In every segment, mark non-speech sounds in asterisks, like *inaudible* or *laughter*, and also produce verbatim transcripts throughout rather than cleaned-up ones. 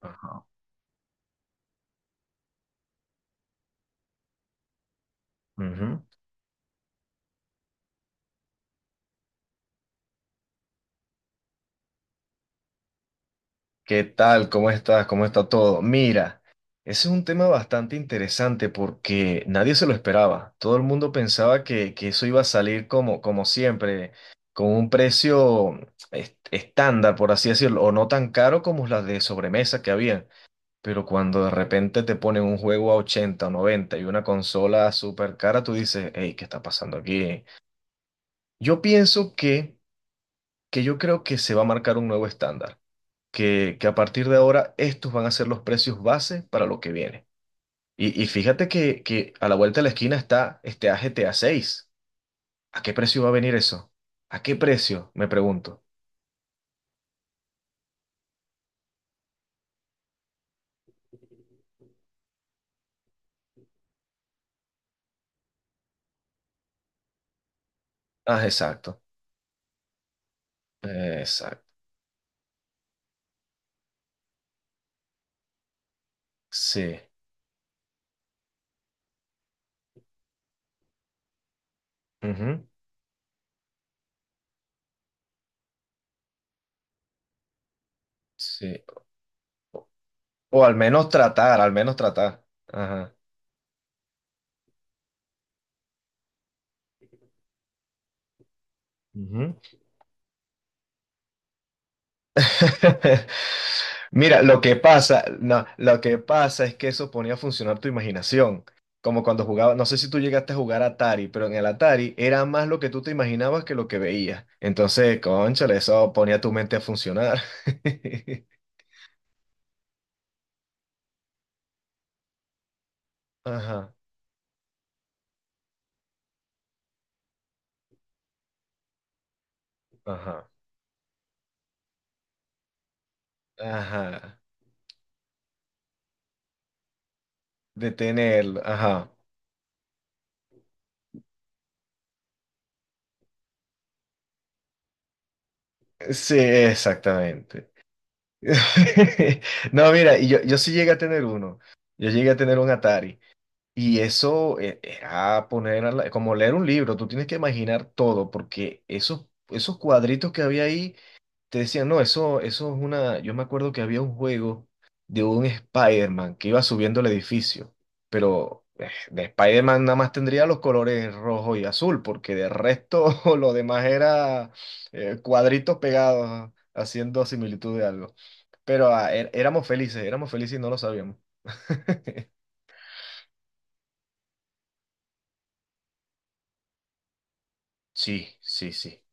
Ajá. Ujú. ¿Qué tal? ¿Cómo estás? ¿Cómo está todo? Mira, ese es un tema bastante interesante porque nadie se lo esperaba. Todo el mundo pensaba que, que eso iba a salir como, como siempre, con un precio est- estándar, por así decirlo, o no tan caro como las de sobremesa que habían. Pero cuando de repente te ponen un juego a ochenta o noventa y una consola súper cara, tú dices, hey, ¿qué está pasando aquí? Yo pienso que, que, Yo creo que se va a marcar un nuevo estándar, que, que a partir de ahora estos van a ser los precios base para lo que viene. Y, y fíjate que, que a la vuelta de la esquina está este a G T A seis. ¿A seis? ¿A qué precio va a venir eso? ¿A qué precio? Me pregunto. Ah, exacto. Exacto. Sí. Ujú. Sí. O o al menos tratar, al menos tratar. Ajá. Ujú. *laughs* Mira, lo que pasa, no, lo que pasa es que eso ponía a funcionar tu imaginación. Como cuando jugaba, no sé si tú llegaste a jugar Atari, pero en el Atari era más lo que tú te imaginabas que lo que veías. Entonces, cónchale, eso ponía tu mente a funcionar. *laughs* Ajá, ajá, ajá. Detenerlo, ajá. Sí, exactamente. *laughs* No, mira, y yo, yo sí llegué a tener uno. Yo llegué a tener un Atari. Y eso eh, era poner a la- como leer un libro, tú tienes que imaginar todo, porque esos, esos cuadritos que había ahí te decían, no, eso, eso es una. Yo me acuerdo que había un juego de un Spider-Man que iba subiendo el edificio, pero eh, de Spider-Man nada más tendría los colores rojo y azul, porque de resto *laughs* lo demás era eh, cuadritos pegados haciendo similitud de algo. Pero ah, er- éramos felices, éramos felices y no lo sabíamos. Sí, sí, sí.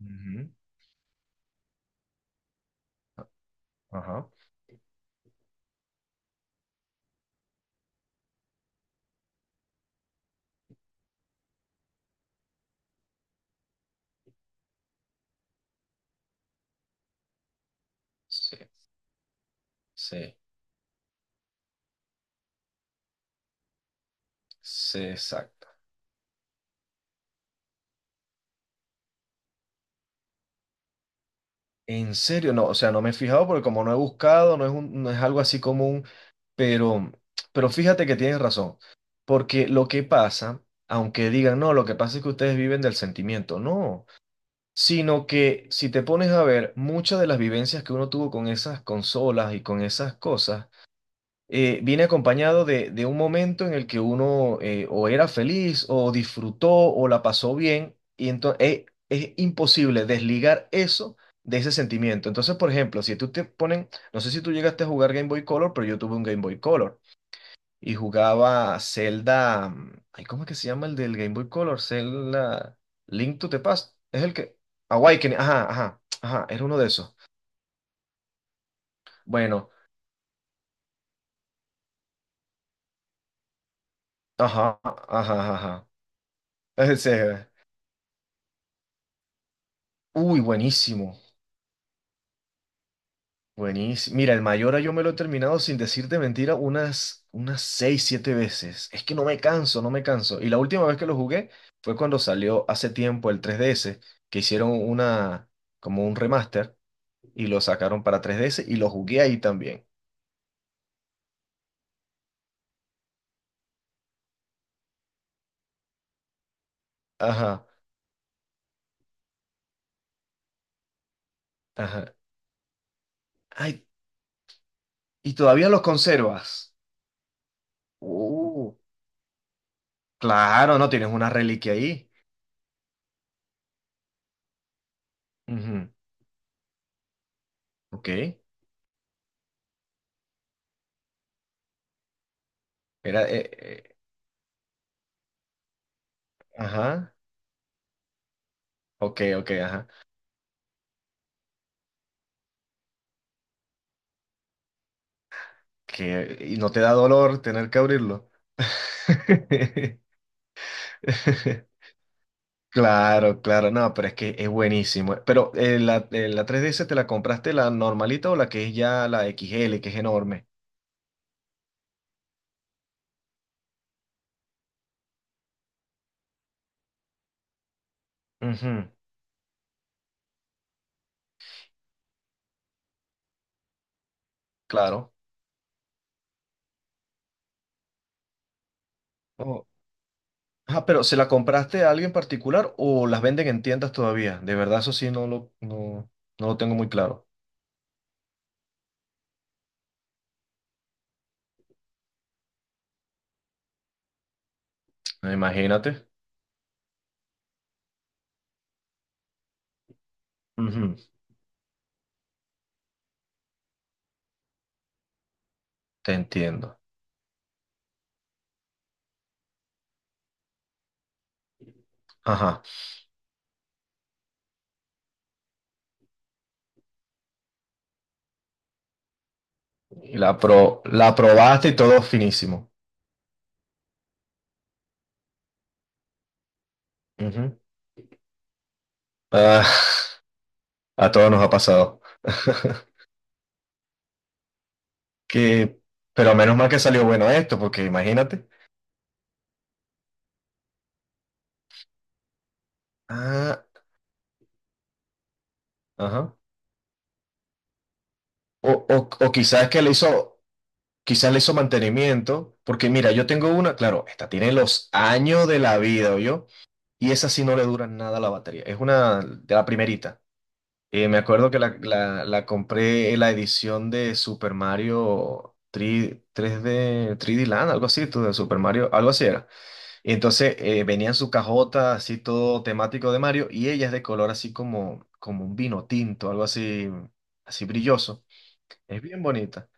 Ujú. Ajá. Sí, sí, sí, exacto. En serio, no, o sea, no me he fijado porque como no he buscado, no es un- no es algo así común, pero, pero fíjate que tienes razón, porque lo que pasa, aunque digan, no, lo que pasa es que ustedes viven del sentimiento, no, sino que si te pones a ver muchas de las vivencias que uno tuvo con esas consolas y con esas cosas, eh, viene acompañado de, de un momento en el que uno eh, o era feliz o disfrutó o la pasó bien y entonces es imposible desligar eso de ese sentimiento. Entonces, por ejemplo, si tú te ponen, no sé si tú llegaste a jugar Game Boy Color, pero yo tuve un Game Boy Color y jugaba Zelda, mm, ay, ¿cómo es que se llama el del Game Boy Color? Zelda Link to the Past, es el que Awakening, ajá, ajá, ajá, era uno de esos. Bueno, ajá, ajá, ajá. Ajá. *laughs* Ese, uy, buenísimo. Buenísimo. Mira, el Mayora yo me lo he terminado sin decirte mentira unas, unas seis, siete veces. Es que no me canso, no me canso. Y la última vez que lo jugué fue cuando salió hace tiempo el tres D S, que hicieron una, como un remaster y lo sacaron para tres D S y lo jugué ahí también. Ajá, ajá. Ay, ¿y todavía los conservas? Uh, claro, no, tienes una reliquia ahí. Ujú. Ok. Era, eh, eh, ajá. Ok, ok, ajá. Que, ¿y no te da dolor tener que abrirlo? *laughs* Claro, claro, no, pero es que es buenísimo. Pero eh, la, eh, la tres D S te la compraste, ¿la normalita o la que es ya la X L que es enorme? Ujú, claro. Oh. Ah, pero ¿se la compraste a alguien particular o las venden en tiendas todavía? De verdad, eso sí no lo, no, no lo tengo muy claro. Imagínate. Ujú. Te entiendo. Ajá. Y la, pro, la probaste y todo finísimo. Ujú. Ah. A todos nos ha pasado. *laughs* Que, pero menos mal que salió bueno esto, porque imagínate. Ah, ajá. O, o, o quizás que le hizo, quizás le hizo mantenimiento, porque mira, yo tengo una, claro, esta tiene los años de la vida, yo. Y esa sí no le dura nada la batería. Es una de la primerita. Eh, me acuerdo que la, la, la compré en la edición de Super Mario tres, tres D, tres D Land, algo así, tú, de Super Mario, algo así era. Y entonces eh, venía en su cajota así todo temático de Mario y ella es de color así como, como un vino tinto, algo así, así brilloso. Es bien bonita,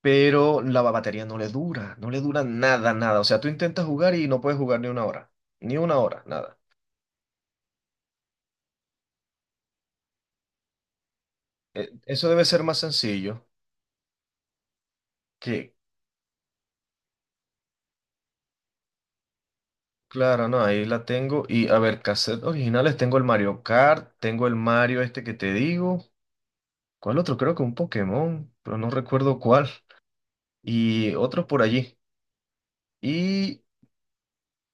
pero la ba- batería no le dura, no le dura nada, nada. O sea, tú intentas jugar y no puedes jugar ni una hora, ni una hora, nada. Eh, eso debe ser más sencillo que, claro, no, ahí la tengo. Y a ver, cassette originales, tengo el Mario Kart, tengo el Mario este que te digo. ¿Cuál otro? Creo que un Pokémon, pero no recuerdo cuál. Y otros por allí. Y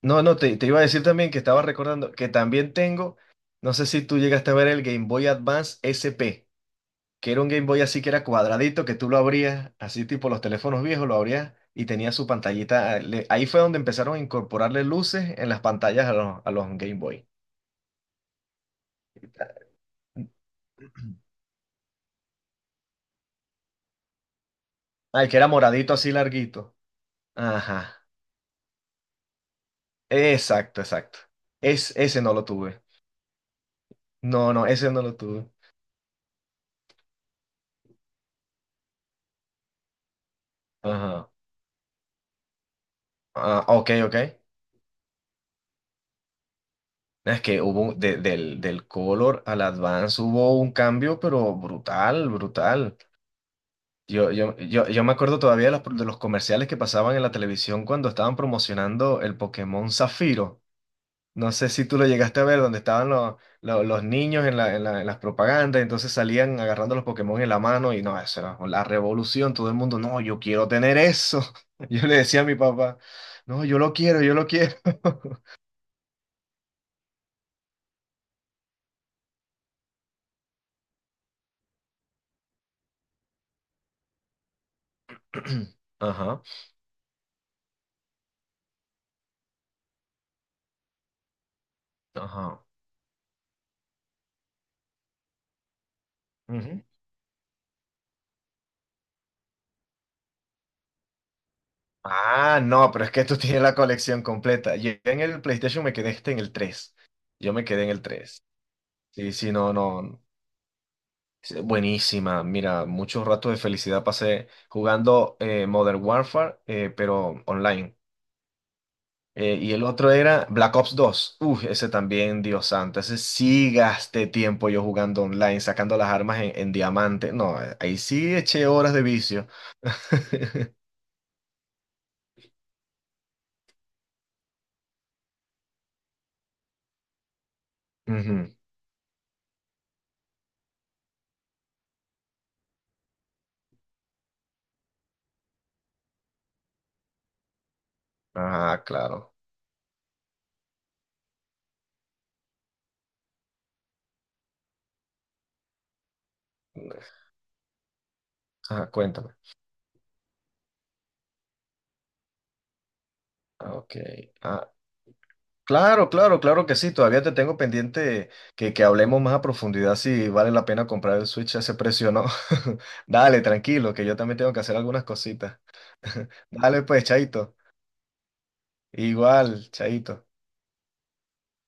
no, no, te, te iba a decir también que estaba recordando que también tengo, no sé si tú llegaste a ver el Game Boy Advance S P, que era un Game Boy así que era cuadradito, que tú lo abrías, así tipo los teléfonos viejos, lo abrías y tenía su pantallita. eh, le- Ahí fue donde empezaron a incorporarle luces en las pantallas a los, a los Game Boy. *clears throat* Ah, el que era moradito así larguito. Ajá. Exacto, exacto. Es, ese no lo tuve. No, no, ese no lo tuve. Ajá. Ah, ok, ok. Es que hubo un- de- del, del Color al Advance hubo un cambio, pero brutal, brutal. Yo, yo, yo, yo me acuerdo todavía de los, de los comerciales que pasaban en la televisión cuando estaban promocionando el Pokémon Zafiro. No sé si tú lo llegaste a ver, donde estaban los, los, los niños en la, en la- en las propagandas, entonces salían agarrando los Pokémon en la mano y no, eso era la revolución, todo el mundo, no, yo quiero tener eso. *laughs* Yo le decía a mi papá, no, yo lo quiero, yo lo quiero. *clears throat* Ajá, ajá. Ah, no, pero es que tú *laughs* tienes la colección completa. Yo en el PlayStation me quedé este en el tres. Yo me quedé en el tres. Sí, sí, no, no. Sí, buenísima. Mira, muchos ratos de felicidad pasé jugando eh, Modern Warfare, eh, pero online. Eh, y el otro era Black Ops dos. Uf, ese también, Dios santo. Ese sí gasté tiempo yo jugando online, sacando las armas en, en diamante. No, eh, ahí sí eché horas de vicio. *laughs* Ujú. Ajá, claro. Ajá, cuéntame. Ok. Ah, claro, claro, claro que sí. Todavía te tengo pendiente que, que hablemos más a profundidad si vale la pena comprar el Switch a ese precio o no. *laughs* Dale, tranquilo, que yo también tengo que hacer algunas cositas. *laughs* Dale, pues, Chaito. Igual, Chaito.